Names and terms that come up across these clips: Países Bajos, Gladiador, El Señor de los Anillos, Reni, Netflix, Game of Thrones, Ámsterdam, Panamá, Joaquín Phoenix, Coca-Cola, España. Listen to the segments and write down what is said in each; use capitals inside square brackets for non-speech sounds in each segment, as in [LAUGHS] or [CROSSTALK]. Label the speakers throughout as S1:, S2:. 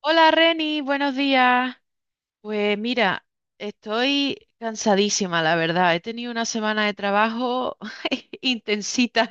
S1: Hola Reni, buenos días. Pues mira, estoy cansadísima, la verdad. He tenido una semana de trabajo [LAUGHS] intensita.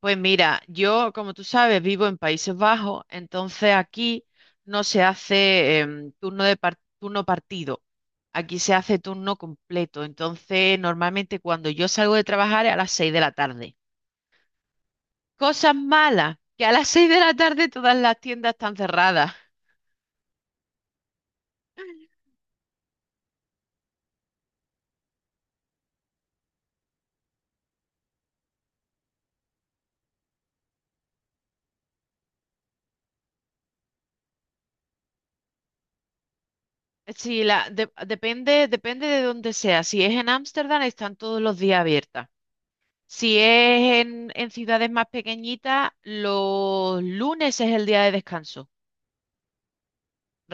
S1: Pues mira, yo, como tú sabes, vivo en Países Bajos, entonces aquí no se hace turno de turno partido. Aquí se hace turno completo. Entonces, normalmente cuando yo salgo de trabajar es a las 6 de la tarde. Cosas malas, que a las 6 de la tarde todas las tiendas están cerradas. Sí, la, depende, depende de dónde sea. Si es en Ámsterdam, están todos los días abiertas. Si es en ciudades más pequeñitas, los lunes es el día de descanso.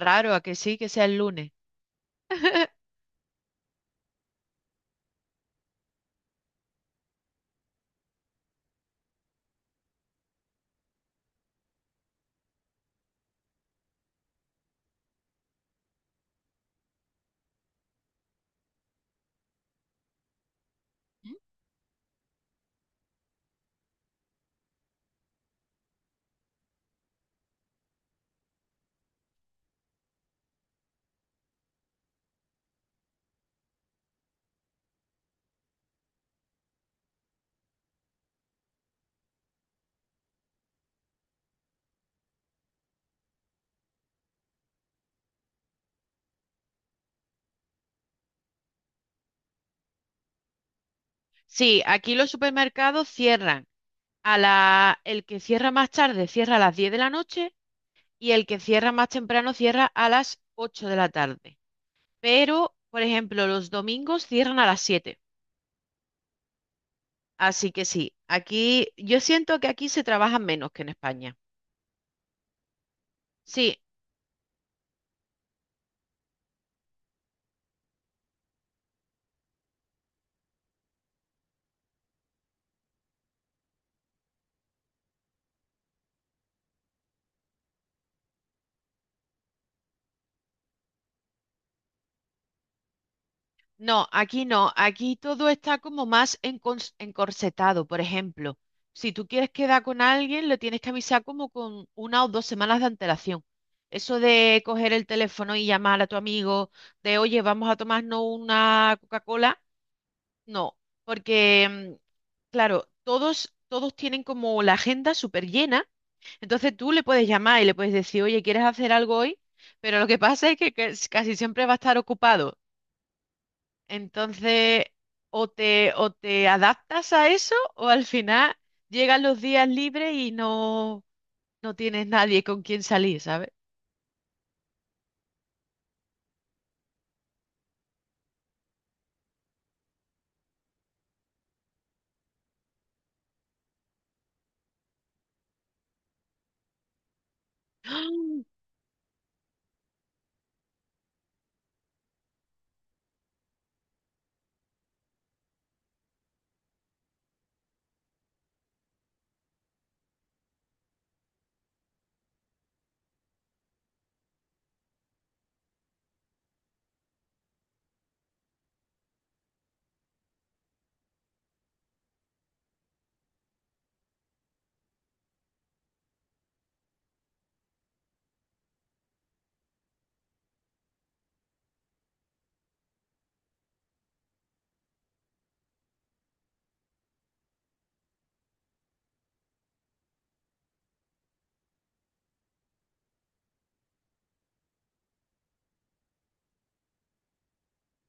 S1: Raro a que sí, que sea el lunes. [LAUGHS] Sí, aquí los supermercados cierran a la, el que cierra más tarde cierra a las 10 de la noche y el que cierra más temprano cierra a las 8 de la tarde. Pero, por ejemplo, los domingos cierran a las 7. Así que sí, aquí yo siento que aquí se trabaja menos que en España. Sí, no, aquí no, aquí todo está como más encorsetado. Por ejemplo, si tú quieres quedar con alguien, lo tienes que avisar como con una o dos semanas de antelación. Eso de coger el teléfono y llamar a tu amigo, de oye, vamos a tomarnos una Coca-Cola, no, porque, claro, todos tienen como la agenda súper llena. Entonces tú le puedes llamar y le puedes decir, oye, ¿quieres hacer algo hoy? Pero lo que pasa es que casi siempre va a estar ocupado. Entonces, o te adaptas a eso, o al final llegan los días libres y no, no tienes nadie con quien salir, ¿sabes? [GASPS]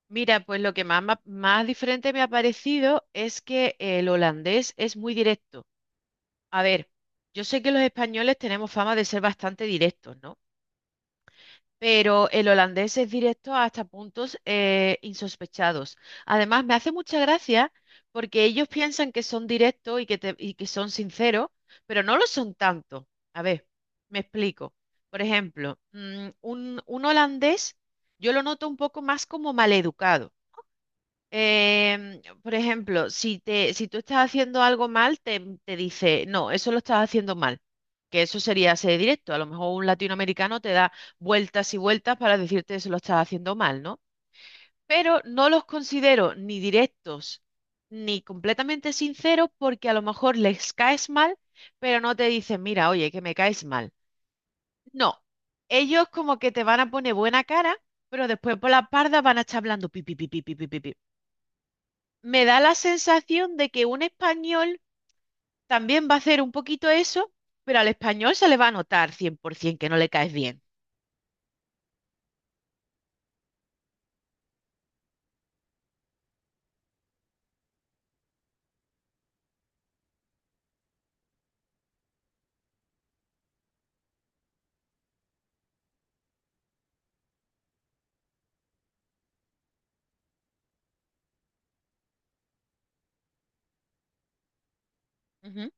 S1: Mira, pues lo que más, más diferente me ha parecido es que el holandés es muy directo. A ver, yo sé que los españoles tenemos fama de ser bastante directos, ¿no? Pero el holandés es directo hasta puntos insospechados. Además, me hace mucha gracia porque ellos piensan que son directos y que son sinceros, pero no lo son tanto. A ver, me explico. Por ejemplo, un holandés yo lo noto un poco más como maleducado. Por ejemplo, si tú estás haciendo algo mal, te dice, no, eso lo estás haciendo mal, que eso sería ser directo. A lo mejor un latinoamericano te da vueltas y vueltas para decirte eso lo estás haciendo mal, ¿no? Pero no los considero ni directos ni completamente sinceros porque a lo mejor les caes mal, pero no te dicen, mira, oye, que me caes mal. No, ellos como que te van a poner buena cara, pero después por la parda van a estar hablando pipi, pipi, pipi, pipi. Me da la sensación de que un español también va a hacer un poquito eso, pero al español se le va a notar 100% que no le caes bien. Ujú.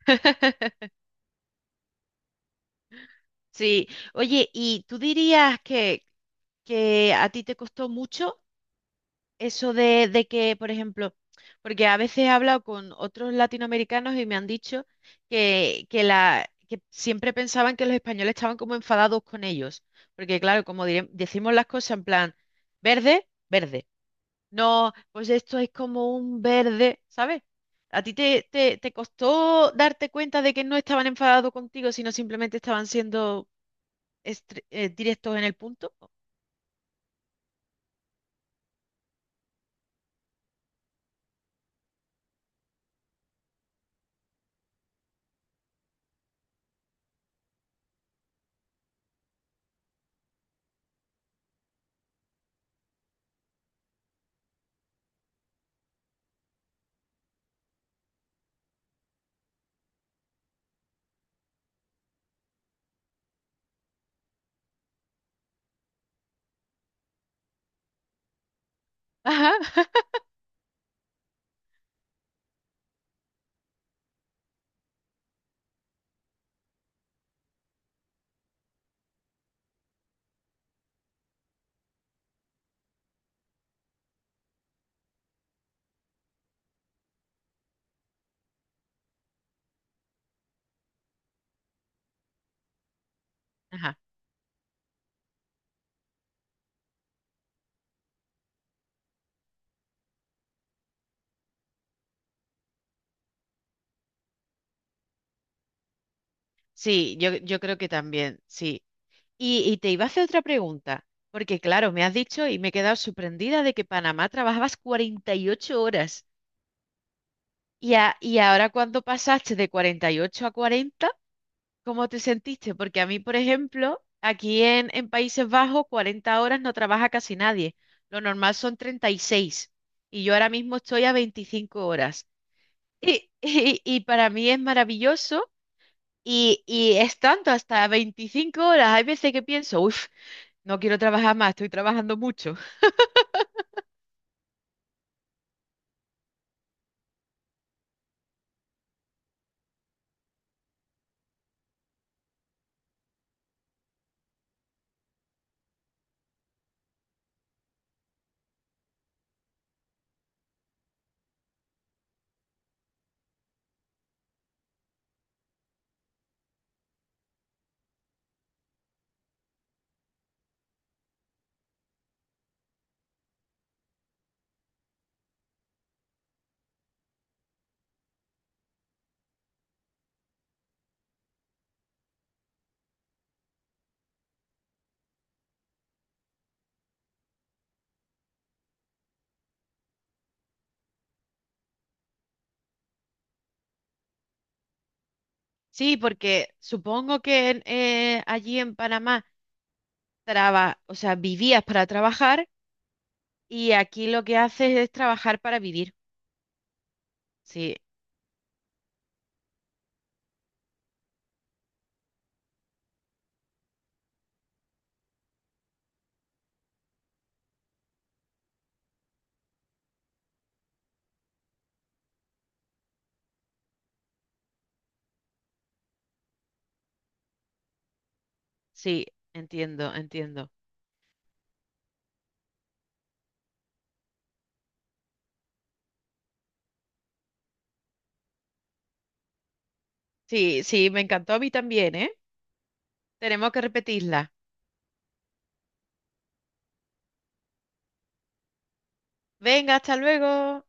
S1: [LAUGHS] Sí, oye, ¿y tú dirías que a ti te costó mucho eso de que, por ejemplo, porque a veces he hablado con otros latinoamericanos y me han dicho que siempre pensaban que los españoles estaban como enfadados con ellos, porque claro, como decimos las cosas en plan, verde, verde, no, pues esto es como un verde, ¿sabes? ¿A ti te, te costó darte cuenta de que no estaban enfadados contigo, sino simplemente estaban siendo... Directos en el punto. Ajá. [LAUGHS] Ajá. Sí, yo creo que también, sí. Y te iba a hacer otra pregunta, porque claro, me has dicho y me he quedado sorprendida de que Panamá trabajabas 48 horas. Y, y ahora cuando pasaste de 48 a 40, ¿cómo te sentiste? Porque a mí, por ejemplo, aquí en Países Bajos, 40 horas no trabaja casi nadie. Lo normal son 36 y yo ahora mismo estoy a 25 horas. Y [LAUGHS] y para mí es maravilloso. Y es tanto, hasta 25 horas. Hay veces que pienso, uff, no quiero trabajar más, estoy trabajando mucho. Sí, porque supongo que en, allí en Panamá traba, o sea, vivías para trabajar y aquí lo que haces es trabajar para vivir. Sí, sí, entiendo, entiendo. Sí, sí, me encantó a mí también, ¿eh? Tenemos que repetirla. Venga, hasta luego.